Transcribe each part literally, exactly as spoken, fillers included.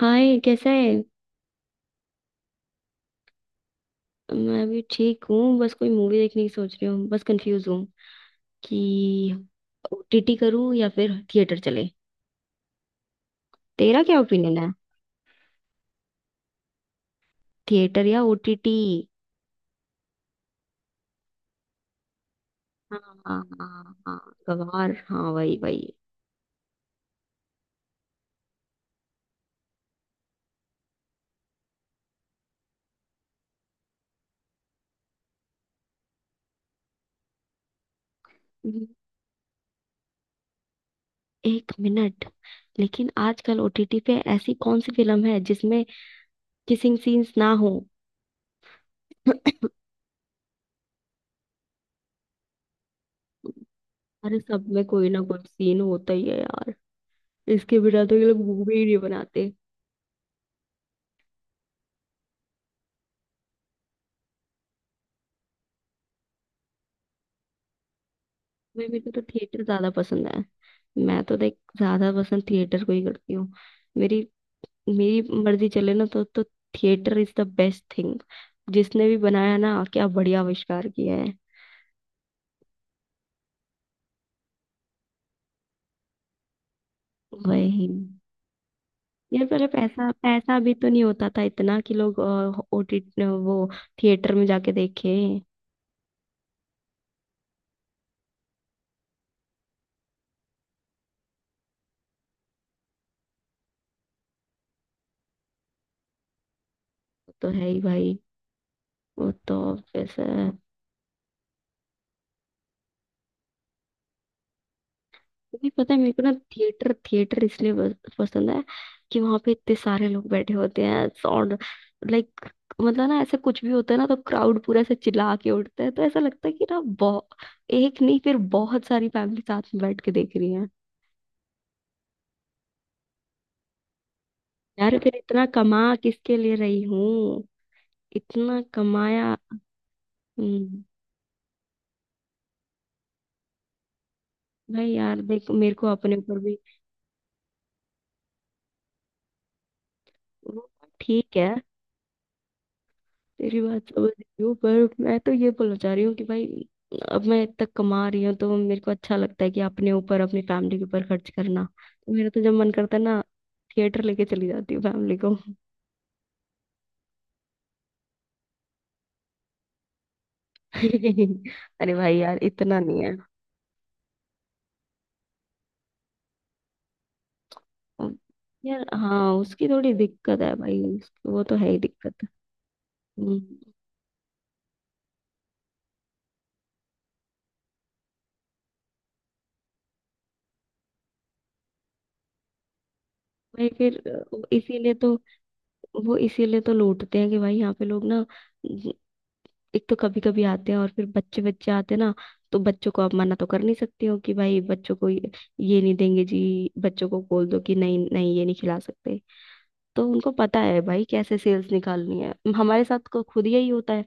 हाय, कैसा है। मैं भी ठीक हूँ। बस कोई मूवी देखने की सोच रही हूँ, बस कंफ्यूज हूँ कि ओ टी टी करूँ या फिर थिएटर चले। तेरा क्या ओपिनियन है? थिएटर या ओ टी टी? हाँ, हाँ, हाँ, हाँ गवार हाँ, वही वही। हम्म। एक मिनट। लेकिन आजकल ओ टी टी पे ऐसी कौन सी फिल्म है जिसमें किसिंग सीन्स ना हो? अरे, सब में कोई ना कोई सीन होता ही है यार। इसके बिना तो ये लोग मूवी ही नहीं बनाते। भाई, मेरे को तो थिएटर ज्यादा पसंद है। मैं तो देख ज्यादा पसंद थिएटर को ही करती हूँ। मेरी मेरी मर्जी चले ना तो तो theatre is the best thing. जिसने भी बनाया ना, क्या बढ़िया आविष्कार किया है। वही, यार पहले पैसा पैसा भी तो नहीं होता था इतना कि लोग ओटी वो थिएटर में जाके देखे। वो तो है ही भाई। वो तो पैसा। नहीं, पता है मेरे को ना थिएटर थिएटर इसलिए बस- पसंद है कि वहां पे इतने सारे लोग बैठे होते हैं, साउंड, लाइक, मतलब ना ऐसा कुछ भी होता है ना तो क्राउड पूरा ऐसे चिल्ला के उठता है, तो ऐसा लगता है कि ना बहुत एक नहीं, फिर बहुत सारी फैमिली साथ में बैठ के देख रही है। यार, फिर इतना कमा किसके लिए रही हूँ? इतना कमाया। हम्म, भाई यार देख, मेरे को अपने ऊपर भी। वो ठीक है, तेरी बात समझ रही हूँ, पर मैं तो ये बोलना चाह रही हूँ कि भाई अब मैं इतना कमा रही हूँ तो मेरे को अच्छा लगता है कि अपने ऊपर अपनी फैमिली के ऊपर खर्च करना। तो मेरा तो जब मन करता है ना, थिएटर लेके चली जाती हूँ फैमिली को। अरे भाई यार, इतना नहीं है। यार, हाँ, उसकी थोड़ी दिक्कत है भाई उसकी- वो तो है ही दिक्कत। हम्म, भाई फिर अ, इसीलिए तो वो इसीलिए तो लूटते हैं कि भाई यहाँ पे लोग ना एक तो कभी कभी आते हैं, और फिर बच्चे बच्चे आते हैं ना। तो बच्चों को आप मना तो कर नहीं सकती हो कि भाई बच्चों को ये ये नहीं देंगे जी। बच्चों को बोल दो कि नहीं, नहीं ये नहीं खिला सकते। तो उनको पता है भाई कैसे सेल्स निकालनी है, हमारे साथ को खुद यही होता है।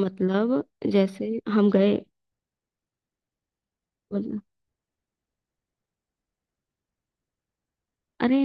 मतलब, जैसे हम गए, मतलब, अरे,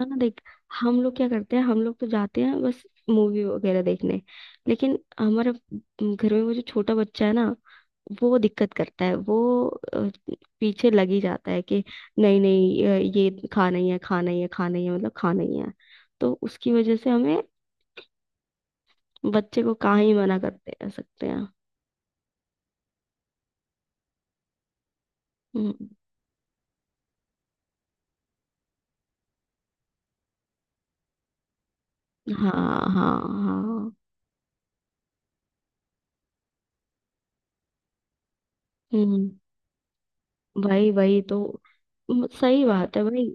है ना देख। हम लोग क्या करते हैं, हम लोग तो जाते हैं बस मूवी वगैरह देखने। लेकिन हमारे घर में वो जो छोटा बच्चा है ना, वो दिक्कत करता है। वो अ, पीछे लग ही जाता है कि नहीं नहीं अ, ये खाना ही है, खाना ही है, खाना ही है, मतलब खाना ही है। तो उसकी वजह से हमें बच्चे को कहाँ ही मना करते रह सकते हैं। हम्म, हाँ, हाँ, हाँ। हम्म भाई भाई तो म- सही बात है भाई।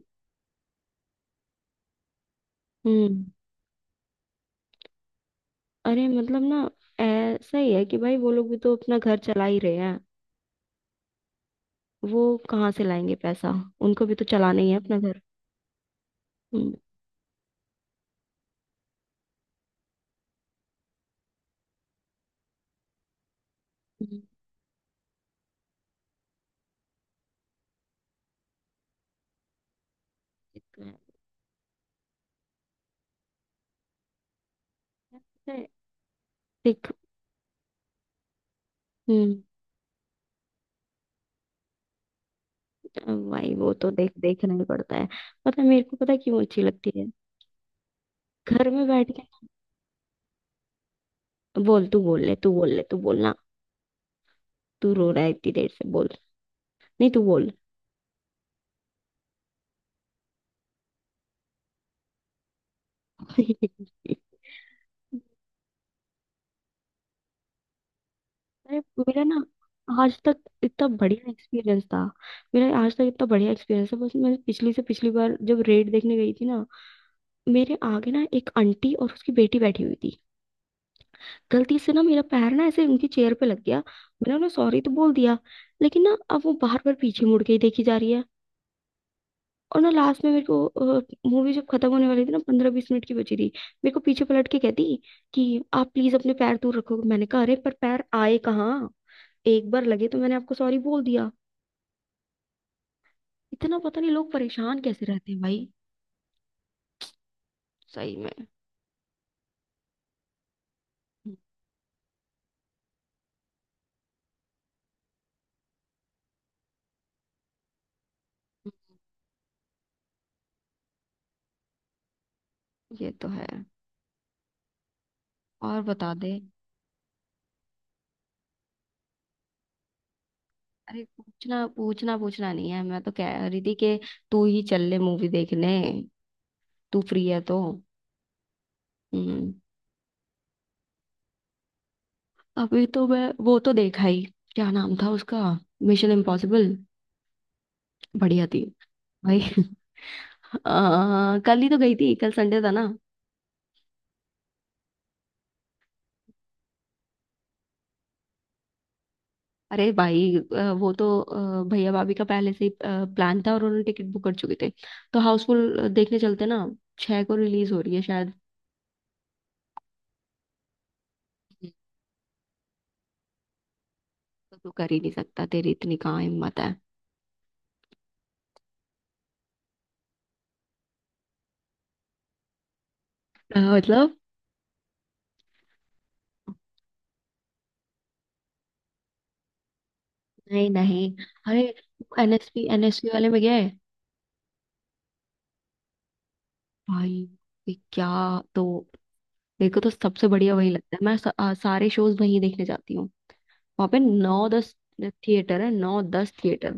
हम्म। अरे, मतलब ना ऐसा ही है कि भाई वो लोग भी तो अपना घर चला ही रहे हैं। वो कहाँ से लाएंगे पैसा? उनको भी तो चलाना ही है अपना घर। हम्म। हम्म, ये तो है। हम्म अब भाई वो तो देख देखना ही पड़ता है। पता है मेरे को, पता है क्यों अच्छी लगती है घर में बैठ के। बोल, तू बोल ले, तू बोल ले, तू बोलना। तू रो रहा है इतनी देर से, बोल। नहीं, तू बोल। अरे, मेरा ना आज तक इतना बढ़िया एक्सपीरियंस था। मेरा आज तक इतना बढ़िया एक्सपीरियंस है। बस मैं पिछली से पिछली बार जब रेड देखने गई थी ना, मेरे आगे ना एक आंटी और उसकी बेटी बैठी हुई थी। गलती से ना मेरा पैर ना ऐसे उनकी चेयर पे लग गया, मैंने उन्हें सॉरी तो बोल दिया। लेकिन ना अब वो बार बार पीछे मुड़ के ही देखी जा रही है। और ना लास्ट में, मेरे को मूवी जब खत्म होने वाली थी ना, पंद्रह बीस मिनट की बची थी। मेरे को पीछे पलट के कहती कि आप प्लीज अपने पैर दूर रखो, मैंने कहा अरे पर पैर आए कहाँ? एक बार लगे तो मैंने आपको सॉरी बोल दिया। इतना पता नहीं लोग परेशान कैसे रहते हैं भाई। सही में। हम्म, ये तो है। और बता दे। अरे, पूछना पूछना पूछना नहीं है, मैं तो कह रही थी कि तू ही चल ले मूवी देखने, तू फ्री है तो। हम्म अभी तो मैं वो तो देखा ही, क्या नाम था उसका, मिशन इम्पॉसिबल। बढ़िया थी। भाई, अ, कल ही तो गई थी, कल संडे था ना। अरे भाई, अ, वो तो अ, भैया भाभी का पहले से ही प्लान था और उन्होंने टिकट बुक कर चुके थे। तो हाउसफुल देखने चलते ना, छह को रिलीज हो रही है शायद। तो तू कर ही नहीं सकता, तेरी इतनी कहाँ हिम्मत है। अ, मतलब, नहीं, नहीं, अरे N S P N S P वाले में गया है? भाई ये क्या, तो देखो तो सबसे बढ़िया वही लगता है, मैं स, आ, सारे शोज वहीं देखने जाती हूँ। वहां पे नौ दस थिएटर है, नौ दस थिएटर,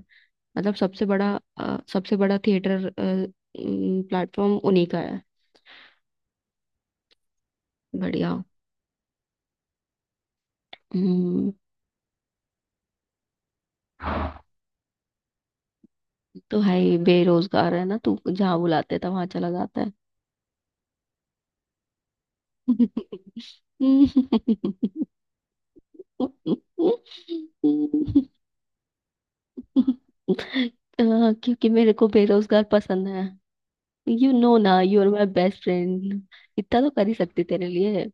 मतलब सबसे बड़ा अ, सबसे बड़ा थिएटर, प्लेटफॉर्म उन्हीं का है। बढ़िया। हम्म। तो है ही, बेरोजगार है ना तू, जहाँ बुलाते था वहां चला जाता है। अ, क्योंकि मेरे को बेरोजगार पसंद है। यू नो ना, you are my best friend. इतना तो कर ही सकती तेरे लिए।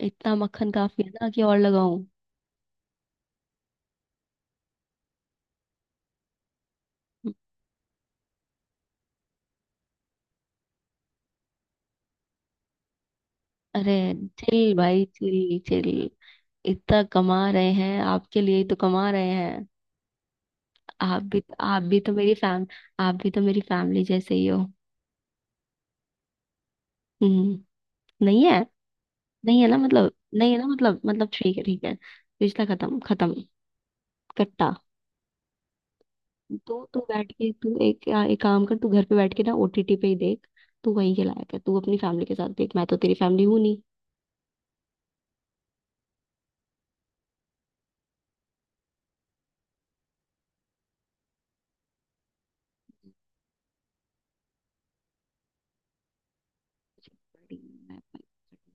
इतना मक्खन काफी है ना कि और लगाऊं? अरे, चिल भाई, चिल चिल। इतना कमा रहे हैं, आपके लिए ही तो कमा रहे हैं। आप भी आप भी तो मेरी फैम आप भी तो मेरी फैमिली जैसे ही हो। हम्म। नहीं है। नहीं है ना मतलब, नहीं है ना मतलब मतलब ठीक है, ठीक है। रिश्ता खत्म खत्म, कट्टा। तो तू बैठ के, तू एक एक काम कर, तू घर पे बैठ के ना ओ टी टी पे ही देख। तू वहीं के लायक है, तू अपनी फैमिली के साथ देख, मैं तो तेरी फैमिली हूं।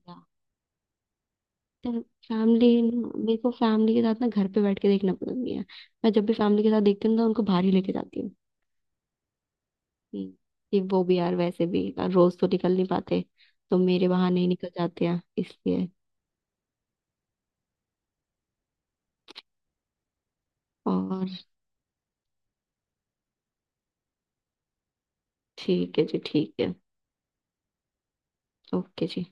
नहीं, फैमिली मेरे को फैमिली के साथ ना घर पे बैठ के देखना पसंद नहीं है। मैं जब भी फैमिली के साथ देखती हूँ ना तो उनको बाहर ही लेके जाती हूँ। हम्म, कि वो भी यार, वैसे भी रोज तो निकल नहीं पाते। तो मेरे बहाने ही निकल जाते हैं इसलिए। और ठीक है जी, ठीक है, ओके जी।